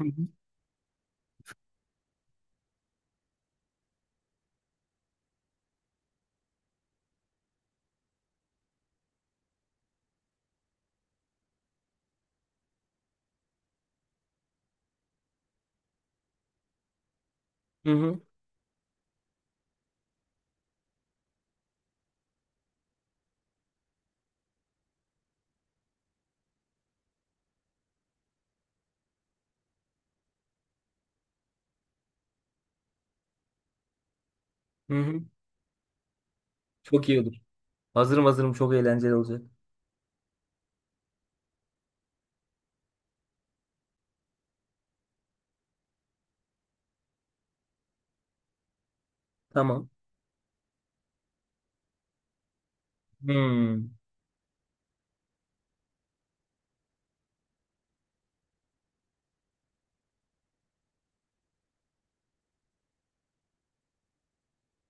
Hı hı, hı hı. Hı hı. Çok iyi olur. Hazırım hazırım, çok eğlenceli olacak. Tamam. Hmm.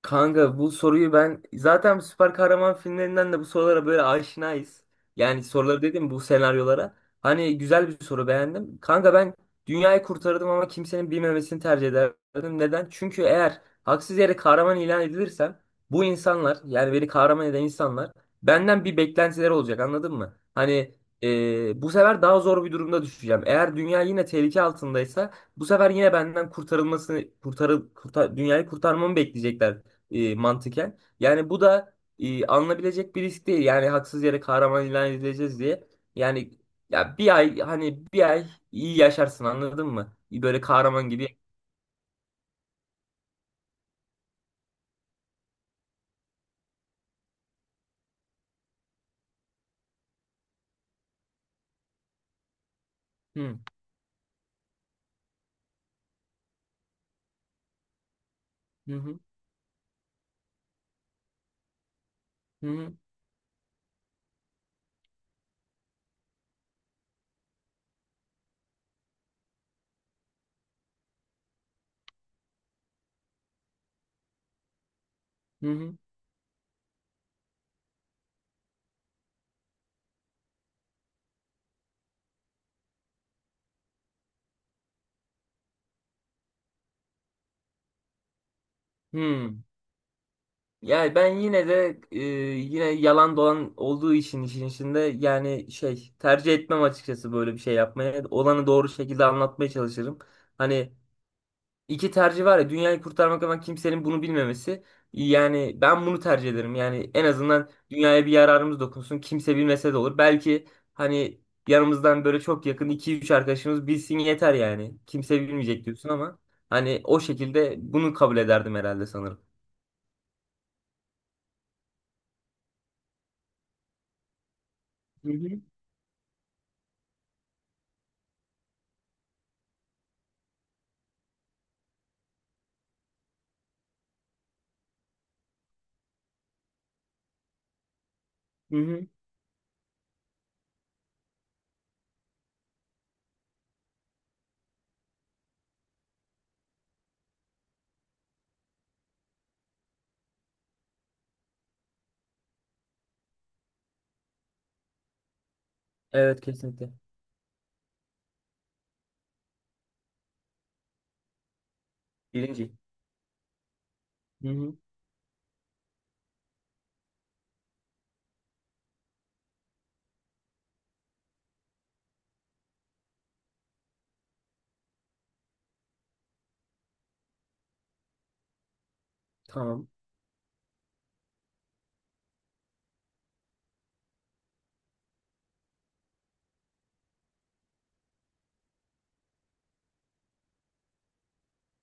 Kanka bu soruyu ben zaten süper kahraman filmlerinden de bu sorulara böyle aşinayız. Yani soruları dedim bu senaryolara. Hani güzel bir soru, beğendim. Kanka ben dünyayı kurtardım ama kimsenin bilmemesini tercih ederdim. Neden? Çünkü eğer haksız yere kahraman ilan edilirsem bu insanlar, yani beni kahraman eden insanlar, benden bir beklentileri olacak anladın mı? Hani bu sefer daha zor bir durumda düşeceğim. Eğer dünya yine tehlike altındaysa bu sefer yine benden dünyayı kurtarmamı bekleyecekler mantıken. Yani bu da alınabilecek bir risk değil. Yani haksız yere kahraman ilan edileceğiz diye. Yani ya bir ay, hani bir ay iyi yaşarsın anladın mı? Böyle kahraman gibi. Hı hı, hı hı, hı hı. Hı. Yani ben yine de yine yalan dolan olduğu için işin içinde, yani şey tercih etmem açıkçası böyle bir şey yapmaya. Olanı doğru şekilde anlatmaya çalışırım. Hani İki tercih var ya, dünyayı kurtarmak ama kimsenin bunu bilmemesi. Yani ben bunu tercih ederim. Yani en azından dünyaya bir yararımız dokunsun. Kimse bilmese de olur. Belki hani yanımızdan böyle çok yakın iki üç arkadaşımız bilsin yeter yani. Kimse bilmeyecek diyorsun ama hani o şekilde bunu kabul ederdim herhalde, sanırım. Hı hı. Hı hı. Evet, kesinlikle. Birinci. Hı hı. Tamam.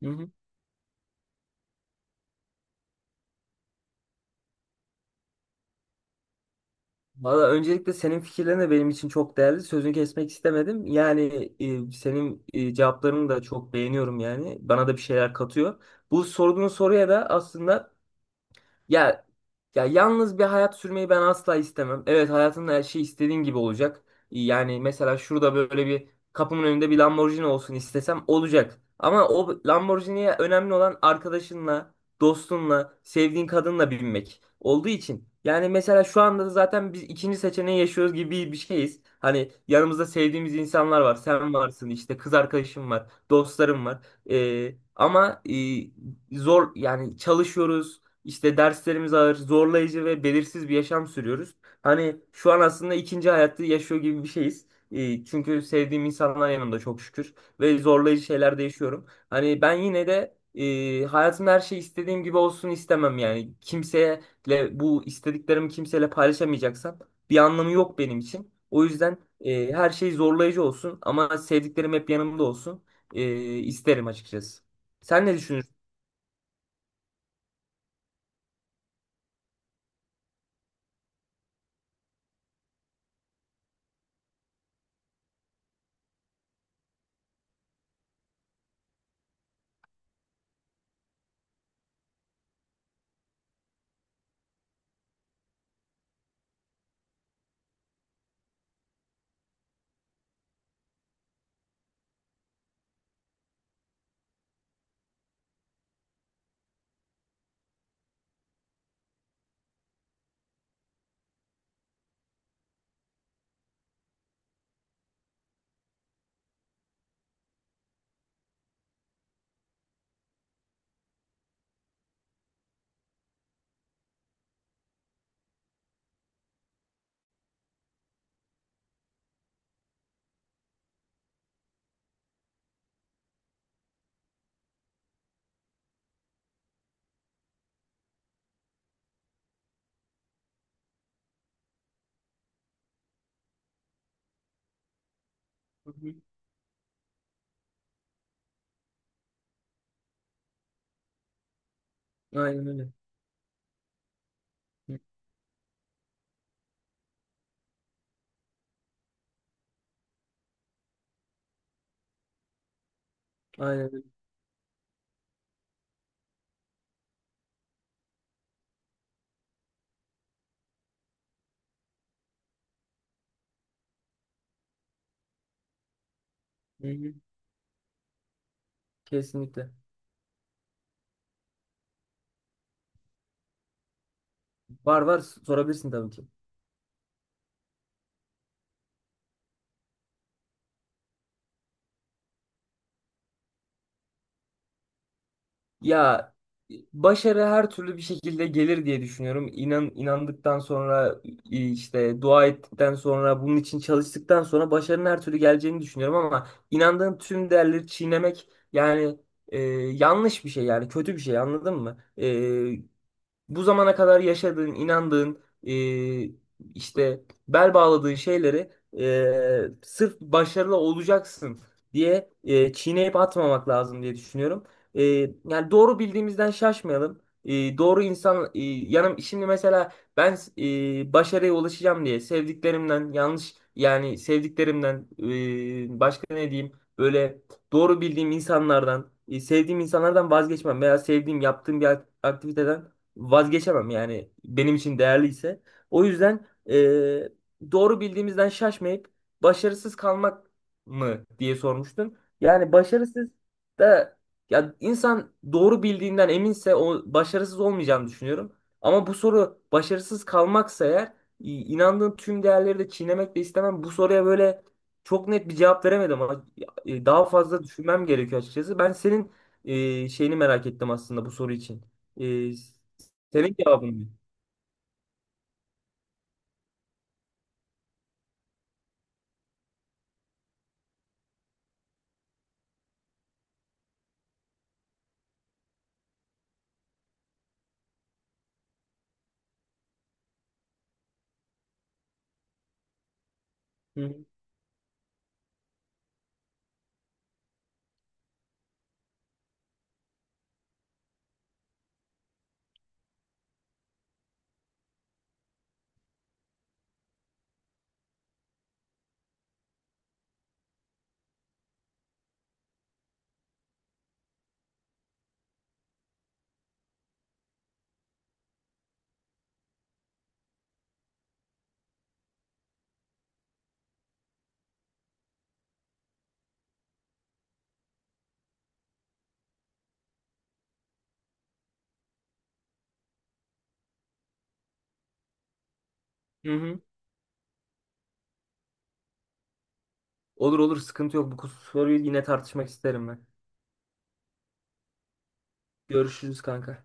Hı hı. Valla öncelikle senin fikirlerin de benim için çok değerli. Sözünü kesmek istemedim. Yani senin cevaplarını da çok beğeniyorum yani. Bana da bir şeyler katıyor. Bu sorduğun soruya da aslında, ya, ya yalnız bir hayat sürmeyi ben asla istemem. Evet, hayatında her şey istediğin gibi olacak. Yani mesela şurada böyle bir, kapımın önünde bir Lamborghini olsun istesem olacak. Ama o Lamborghini'ye önemli olan arkadaşınla, dostunla, sevdiğin kadınla binmek olduğu için. Yani mesela şu anda da zaten biz ikinci seçeneği yaşıyoruz gibi bir şeyiz. Hani yanımızda sevdiğimiz insanlar var. Sen varsın, işte kız arkadaşım var, dostlarım var. Ama zor yani, çalışıyoruz, işte derslerimiz ağır, zorlayıcı ve belirsiz bir yaşam sürüyoruz. Hani şu an aslında ikinci hayatı yaşıyor gibi bir şeyiz. Çünkü sevdiğim insanlar yanımda, çok şükür, ve zorlayıcı şeyler de yaşıyorum. Hani ben yine de hayatımda her şey istediğim gibi olsun istemem yani. Kimseyle, bu istediklerimi kimseyle paylaşamayacaksam bir anlamı yok benim için. O yüzden her şey zorlayıcı olsun ama sevdiklerim hep yanımda olsun e, isterim açıkçası. Sen ne düşünürsün? Hı hı. Aynen öyle. Hı. Aynen. Hı hı. Kesinlikle. Var var, sorabilirsin tabii ki. Ya, başarı her türlü bir şekilde gelir diye düşünüyorum. İnan inandıktan sonra, işte dua ettikten sonra, bunun için çalıştıktan sonra başarının her türlü geleceğini düşünüyorum ama inandığın tüm değerleri çiğnemek, yani yanlış bir şey, yani kötü bir şey, anladın mı? Bu zamana kadar yaşadığın, inandığın, e, işte bel bağladığın şeyleri sırf başarılı olacaksın diye çiğneyip atmamak lazım diye düşünüyorum. E, yani doğru bildiğimizden şaşmayalım. Doğru insan yanım, şimdi mesela ben başarıya ulaşacağım diye sevdiklerimden, yanlış yani, sevdiklerimden başka ne diyeyim, böyle doğru bildiğim insanlardan, sevdiğim insanlardan vazgeçmem veya sevdiğim, yaptığım bir aktiviteden vazgeçemem yani, benim için değerliyse. O yüzden doğru bildiğimizden şaşmayıp başarısız kalmak mı diye sormuştun. Yani başarısız da, ya, insan doğru bildiğinden eminse o, başarısız olmayacağını düşünüyorum. Ama bu soru başarısız kalmaksa eğer, inandığım tüm değerleri de çiğnemek de istemem. Bu soruya böyle çok net bir cevap veremedim ama daha fazla düşünmem gerekiyor açıkçası. Ben senin şeyini merak ettim aslında bu soru için. Senin cevabın mı? Hı hı. Hı hı. Olur olur, sıkıntı yok. Bu soruyu yine tartışmak isterim ben. Görüşürüz kanka.